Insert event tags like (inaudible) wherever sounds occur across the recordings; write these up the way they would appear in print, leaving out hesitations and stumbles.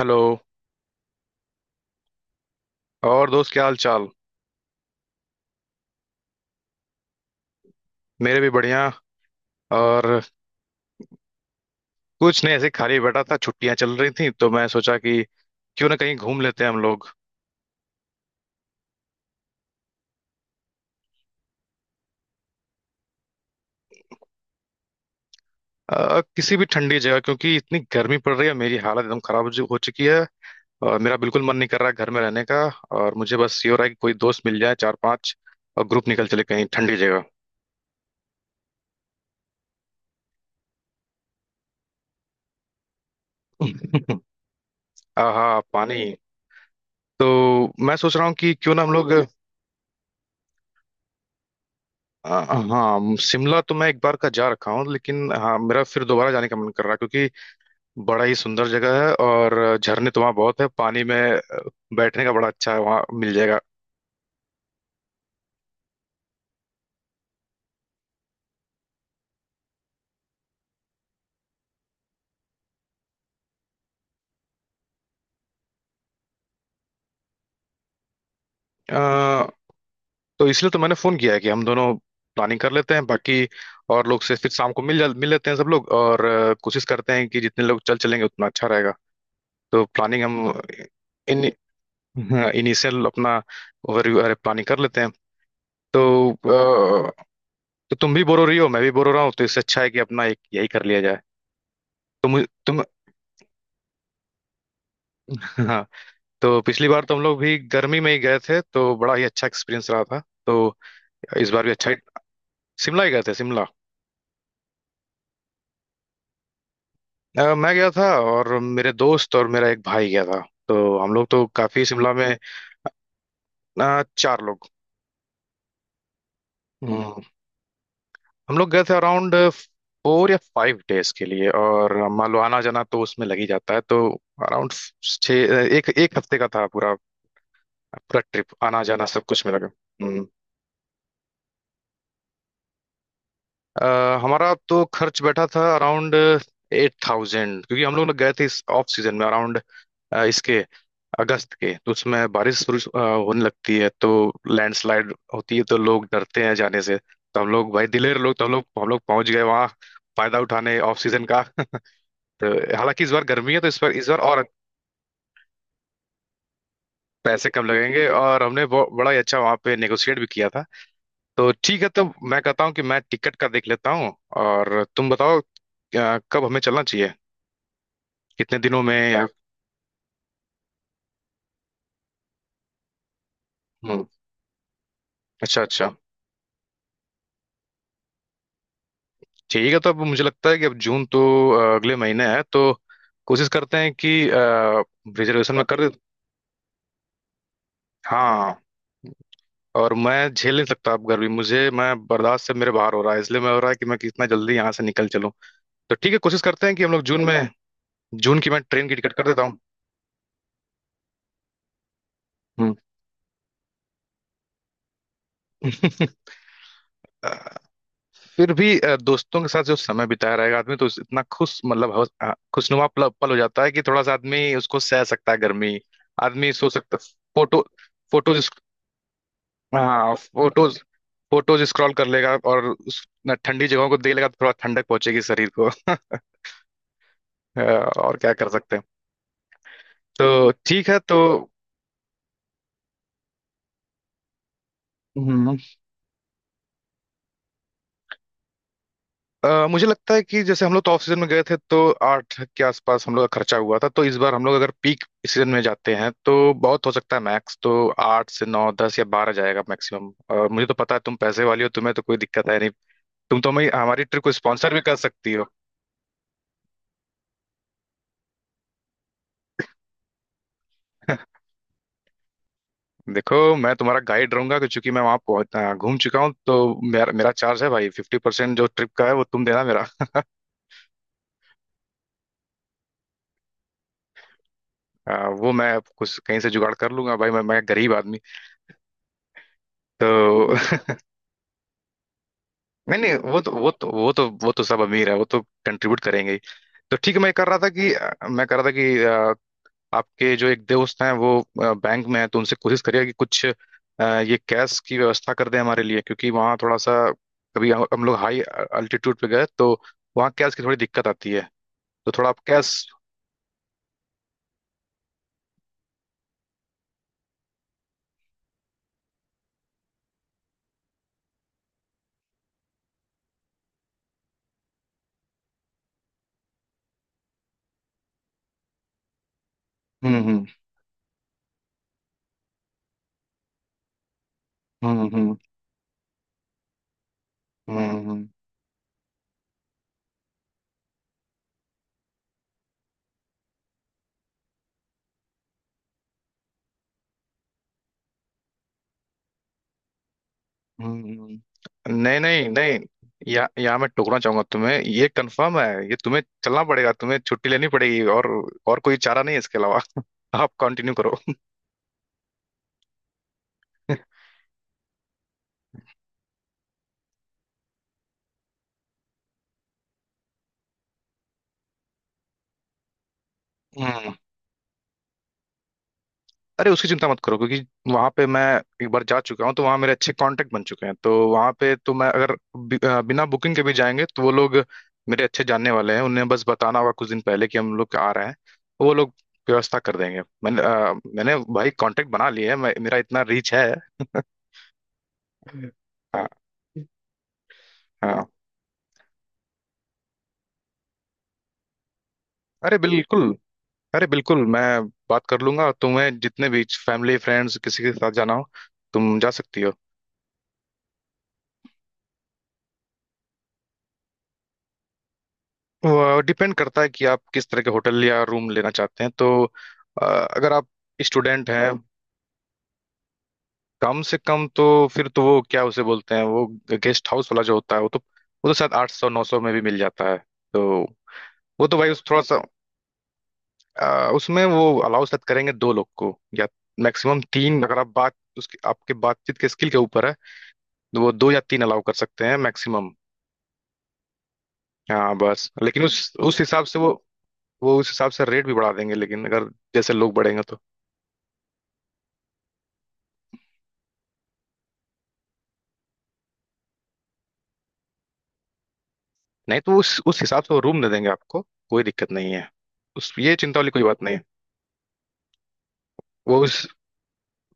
Hello. और दोस्त, क्या हाल चाल। मेरे भी बढ़िया। और। कुछ नहीं, ऐसे ही खाली बैठा था, छुट्टियां चल रही थी तो मैं सोचा कि क्यों ना कहीं घूम लेते हैं हम लोग। किसी भी ठंडी जगह, क्योंकि इतनी गर्मी पड़ रही है, मेरी हालत एकदम खराब हो चुकी है। और मेरा बिल्कुल मन नहीं कर रहा है घर में रहने का। और मुझे बस ये हो रहा है कि कोई दोस्त मिल जाए, चार पांच। और ग्रुप निकल चले कहीं ठंडी जगह। (laughs) आहा, पानी। तो मैं सोच रहा हूँ कि क्यों ना हम लोग। अ, हाँ, शिमला तो मैं एक बार का जा रखा हूँ, लेकिन हाँ, मेरा फिर दोबारा जाने का मन कर रहा है क्योंकि बड़ा ही सुंदर जगह है, और झरने तो वहाँ बहुत है, पानी में बैठने का बड़ा अच्छा है, वहाँ मिल जाएगा। अ, तो इसलिए तो मैंने फोन किया है कि हम दोनों प्लानिंग कर लेते हैं, बाकी और लोग से फिर शाम को मिल लेते हैं सब लोग, और कोशिश करते हैं कि जितने लोग चल चलेंगे उतना अच्छा रहेगा। तो प्लानिंग हम। इन हाँ, इनिशियल अपना ओवरव्यू। अरे, प्लानिंग कर लेते हैं। तो, अ, तो तुम भी बोर हो रही हो, मैं भी बोर हो रहा हूँ, तो इससे अच्छा है कि अपना एक यही कर लिया जाए। तो मुझे तुम। (laughs) तो पिछली बार तो हम लोग भी गर्मी में ही गए थे तो बड़ा ही अच्छा एक्सपीरियंस रहा था। तो इस बार भी अच्छा ही। शिमला ही गए थे, शिमला। मैं गया था, और मेरे दोस्त और मेरा एक भाई गया था। तो हम लोग तो काफी शिमला में। चार लोग। हम्म, हम लोग गए थे अराउंड 4 या 5 डेज के लिए, और मान लो आना जाना तो उसमें लग ही जाता है, तो अराउंड छः, एक एक हफ्ते का था पूरा। पूरा ट्रिप आना जाना सब कुछ में लगा। हम्म। अ, हमारा तो खर्च बैठा था अराउंड 8000, क्योंकि हम लोग ना गए थे इस ऑफ सीजन में। अराउंड इसके अगस्त के, तो उसमें बारिश बुरिश होने लगती है, तो लैंडस्लाइड होती है, तो लोग डरते हैं जाने से, तो हम लोग भाई दिलेर लोग तो हम लोग पहुंच गए वहाँ, फायदा उठाने ऑफ सीजन का। (laughs) तो हालांकि इस बार गर्मी है, तो इस बार और पैसे कम लगेंगे। और हमने बड़ा ही अच्छा वहाँ पे नेगोशिएट भी किया था। तो ठीक है। तो मैं कहता हूँ कि मैं टिकट का देख लेता हूँ, और तुम बताओ, कब हमें चलना चाहिए, कितने दिनों में, या हम्म, अच्छा अच्छा, ठीक है। तो अब मुझे लगता है कि अब जून तो अगले महीने है, तो कोशिश करते हैं कि रिजर्वेशन में कर दे। हाँ। और मैं झेल नहीं सकता अब गर्मी मुझे, मैं बर्दाश्त से मेरे बाहर हो रहा है, इसलिए मैं हो रहा है कि मैं कितना जल्दी यहाँ से निकल चलूँ। तो ठीक है, कोशिश करते हैं कि हम लोग जून में, जून की मैं ट्रेन की टिकट कर देता हूँ। हम्म। (laughs) फिर भी दोस्तों के साथ जो समय बिताया रहेगा आदमी तो इतना खुश, मतलब खुशनुमा पल पल हो जाता है कि थोड़ा सा आदमी उसको सह सकता है गर्मी। आदमी सो सकता। फोटो। फोटोज। हाँ, फोटोज। फोटोज स्क्रॉल कर लेगा और उस न, ठंडी जगहों को देख लेगा, तो थोड़ा ठंडक पहुंचेगी शरीर को। (laughs) और क्या कर सकते हैं। तो ठीक है, तो हम्म, मुझे लगता है कि जैसे हम लोग तो ऑफ सीजन में गए थे तो आठ के आसपास हम लोग का खर्चा हुआ था, तो इस बार हम लोग अगर पीक सीजन में जाते हैं तो बहुत हो सकता है, मैक्स तो आठ से नौ, 10 या 12 जाएगा मैक्सिमम। और मुझे तो पता है तुम पैसे वाली हो, तुम्हें तो कोई दिक्कत है नहीं, तुम तो हमें हमारी ट्रिप को स्पॉन्सर भी कर सकती हो। (laughs) देखो, मैं तुम्हारा गाइड रहूंगा कि चूंकि मैं वहां पहुंच घूम चुका हूँ, तो मेरा मेरा चार्ज है भाई 50%, जो ट्रिप का है वो तुम देना मेरा। वो मैं कुछ कहीं से जुगाड़ कर लूंगा भाई, मैं गरीब आदमी। तो नहीं नहीं, वो तो सब अमीर है, वो तो कंट्रीब्यूट करेंगे ही। तो ठीक है, मैं कर रहा था कि आपके जो एक दोस्त हैं, वो बैंक में है, तो उनसे कोशिश करिएगा कि कुछ ये कैश की व्यवस्था कर दें हमारे लिए, क्योंकि वहाँ थोड़ा सा कभी हम लोग हाई अल्टीट्यूड पे गए तो वहाँ कैश की थोड़ी दिक्कत आती है। तो थोड़ा आप कैश। हम्म। हम्म। हम्म। हम्म। हम्म। हम्म। हम्म, नहीं नहीं नहीं। या यहाँ मैं टोकना चाहूंगा तुम्हें, ये कंफर्म है, ये तुम्हें चलना पड़ेगा, तुम्हें छुट्टी लेनी पड़ेगी, और कोई चारा नहीं है इसके अलावा। (laughs) आप कंटिन्यू करो। हम्म। (laughs) अरे, उसकी चिंता मत करो, क्योंकि वहां पे मैं एक बार जा चुका हूँ, तो वहां मेरे अच्छे कांटेक्ट बन चुके हैं, तो वहां पे तो मैं अगर बिना बुकिंग के भी जाएंगे तो वो लोग मेरे अच्छे जानने वाले हैं, उन्हें बस बताना होगा कुछ दिन पहले कि हम लोग आ रहे हैं, तो वो लोग व्यवस्था कर देंगे। मैंने मैंने भाई कांटेक्ट बना लिए है, मेरा इतना रीच है। (laughs) हाँ हाँ। अरे, बिल्कुल। अरे, बिल्कुल, मैं बात कर लूंगा, तुम्हें जितने भी फैमिली फ्रेंड्स किसी के साथ जाना हो, तुम जा सकती हो। वो डिपेंड करता है कि आप किस तरह के होटल या रूम लेना चाहते हैं, तो अगर आप स्टूडेंट हैं। कम से कम तो फिर तो वो क्या उसे बोलते हैं, वो गेस्ट हाउस वाला जो होता है, वो तो शायद 800 900 में भी मिल जाता है। तो वो तो भाई उस थोड़ा सा उसमें वो अलाउ शायद करेंगे दो लोग को, या मैक्सिमम तीन, अगर आप बात उसकी आपके बातचीत के स्किल के ऊपर है। तो वो दो या तीन अलाउ कर सकते हैं मैक्सिमम। हाँ बस, लेकिन उस हिसाब से वो उस हिसाब से रेट भी बढ़ा देंगे, लेकिन अगर जैसे लोग बढ़ेंगे तो नहीं, तो उस हिसाब से वो रूम दे देंगे आपको, कोई दिक्कत नहीं है। उस ये चिंता वाली कोई बात नहीं है। वो उस,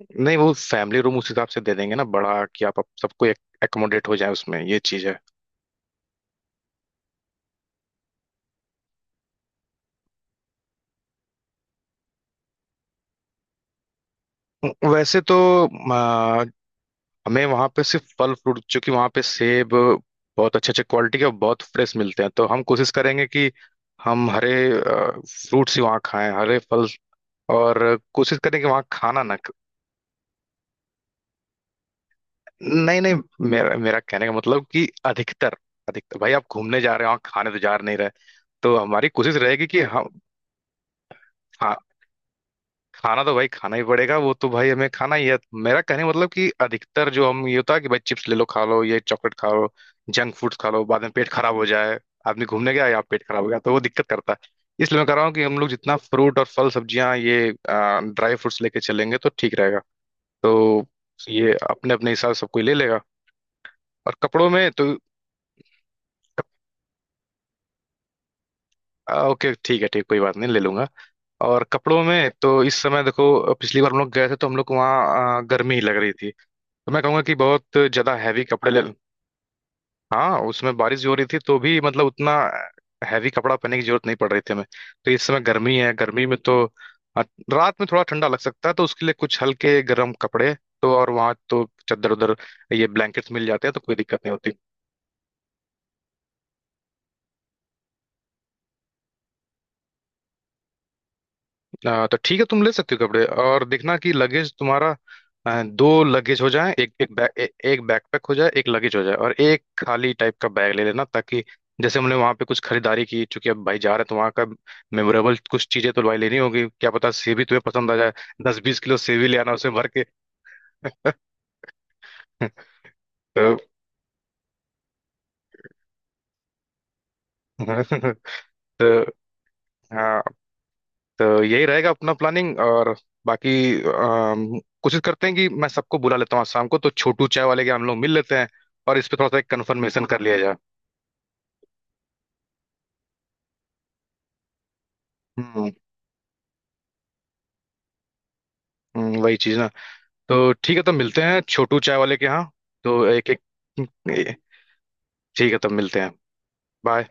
नहीं, वो फैमिली रूम उस हिसाब से दे देंगे ना, बड़ा, कि आप सबको एकोमोडेट हो जाए उसमें, ये चीज है। वैसे तो हमें वहां पे सिर्फ फल फ्रूट, क्योंकि वहां पे सेब बहुत अच्छे अच्छे क्वालिटी के और बहुत फ्रेश मिलते हैं, तो हम कोशिश करेंगे कि हम हरे फ्रूट्स ही वहाँ खाएं, हरे फल, और कोशिश करें कि वहाँ खाना ना ख-। नहीं नहीं, मेरा मेरा कहने का मतलब कि अधिकतर अधिकतर भाई आप घूमने जा रहे हो, वहाँ खाने तो जा नहीं रहे। तो हमारी कोशिश रहेगी कि हम। हाँ, खाना तो भाई खाना ही पड़ेगा, वो तो भाई हमें खाना ही है। मेरा कहने का मतलब कि अधिकतर जो हम ये होता है कि भाई चिप्स ले लो खा लो, ये चॉकलेट खा लो, जंक फूड्स खा लो, बाद में पेट खराब हो जाए, आदमी घूमने गया या पेट खराब हो गया तो वो दिक्कत करता है। इसलिए मैं कह रहा हूँ कि हम लोग जितना फ्रूट और फल, सब्जियां, ये ड्राई फ्रूट्स लेके चलेंगे तो ठीक रहेगा। तो ये अपने अपने हिसाब से सब कोई ले लेगा। और कपड़ों में तो ओके, ठीक है ठीक, कोई बात नहीं ले लूंगा। और कपड़ों में तो इस समय देखो, पिछली बार हम लोग गए थे तो हम लोग को वहाँ गर्मी ही लग रही थी, तो मैं कहूंगा कि बहुत ज्यादा हैवी कपड़े ले। हाँ, उसमें बारिश भी हो रही थी तो भी, मतलब उतना हैवी कपड़ा पहनने की जरूरत नहीं पड़ रही थी हमें। तो इस समय गर्मी है, गर्मी में तो अ, रात में थोड़ा ठंडा लग सकता है, तो उसके लिए कुछ हल्के गर्म कपड़े। तो और वहाँ तो चादर उधर ये ब्लैंकेट्स मिल जाते हैं, तो कोई दिक्कत नहीं होती। तो ठीक है, तुम ले सकते हो कपड़े, और देखना कि लगेज तुम्हारा दो लगेज हो जाए, एक एक बैग, एक बैकपैक हो जाए, एक लगेज हो जाए, और एक खाली टाइप का बैग ले लेना, ताकि जैसे हमने वहां पे कुछ खरीदारी की, चूंकि अब भाई जा रहे हैं तो वहां का मेमोरेबल कुछ चीजें तो भाई लेनी होगी, क्या पता सेवी तुम्हें पसंद आ जाए, 10-20 किलो सेवी ले आना उसे भर के। (laughs) तो, (laughs) तो हाँ, तो यही रहेगा अपना प्लानिंग और बाकी। कोशिश करते हैं कि मैं सबको बुला लेता हूँ, आज शाम को तो छोटू चाय वाले के हम लोग मिल लेते हैं, और इस पे थोड़ा सा एक कन्फर्मेशन कर लिया जाए। हम्म। वही चीज़ ना। तो ठीक है, तो मिलते हैं छोटू चाय वाले के यहाँ। तो एक एक ठीक है, तब मिलते हैं। बाय।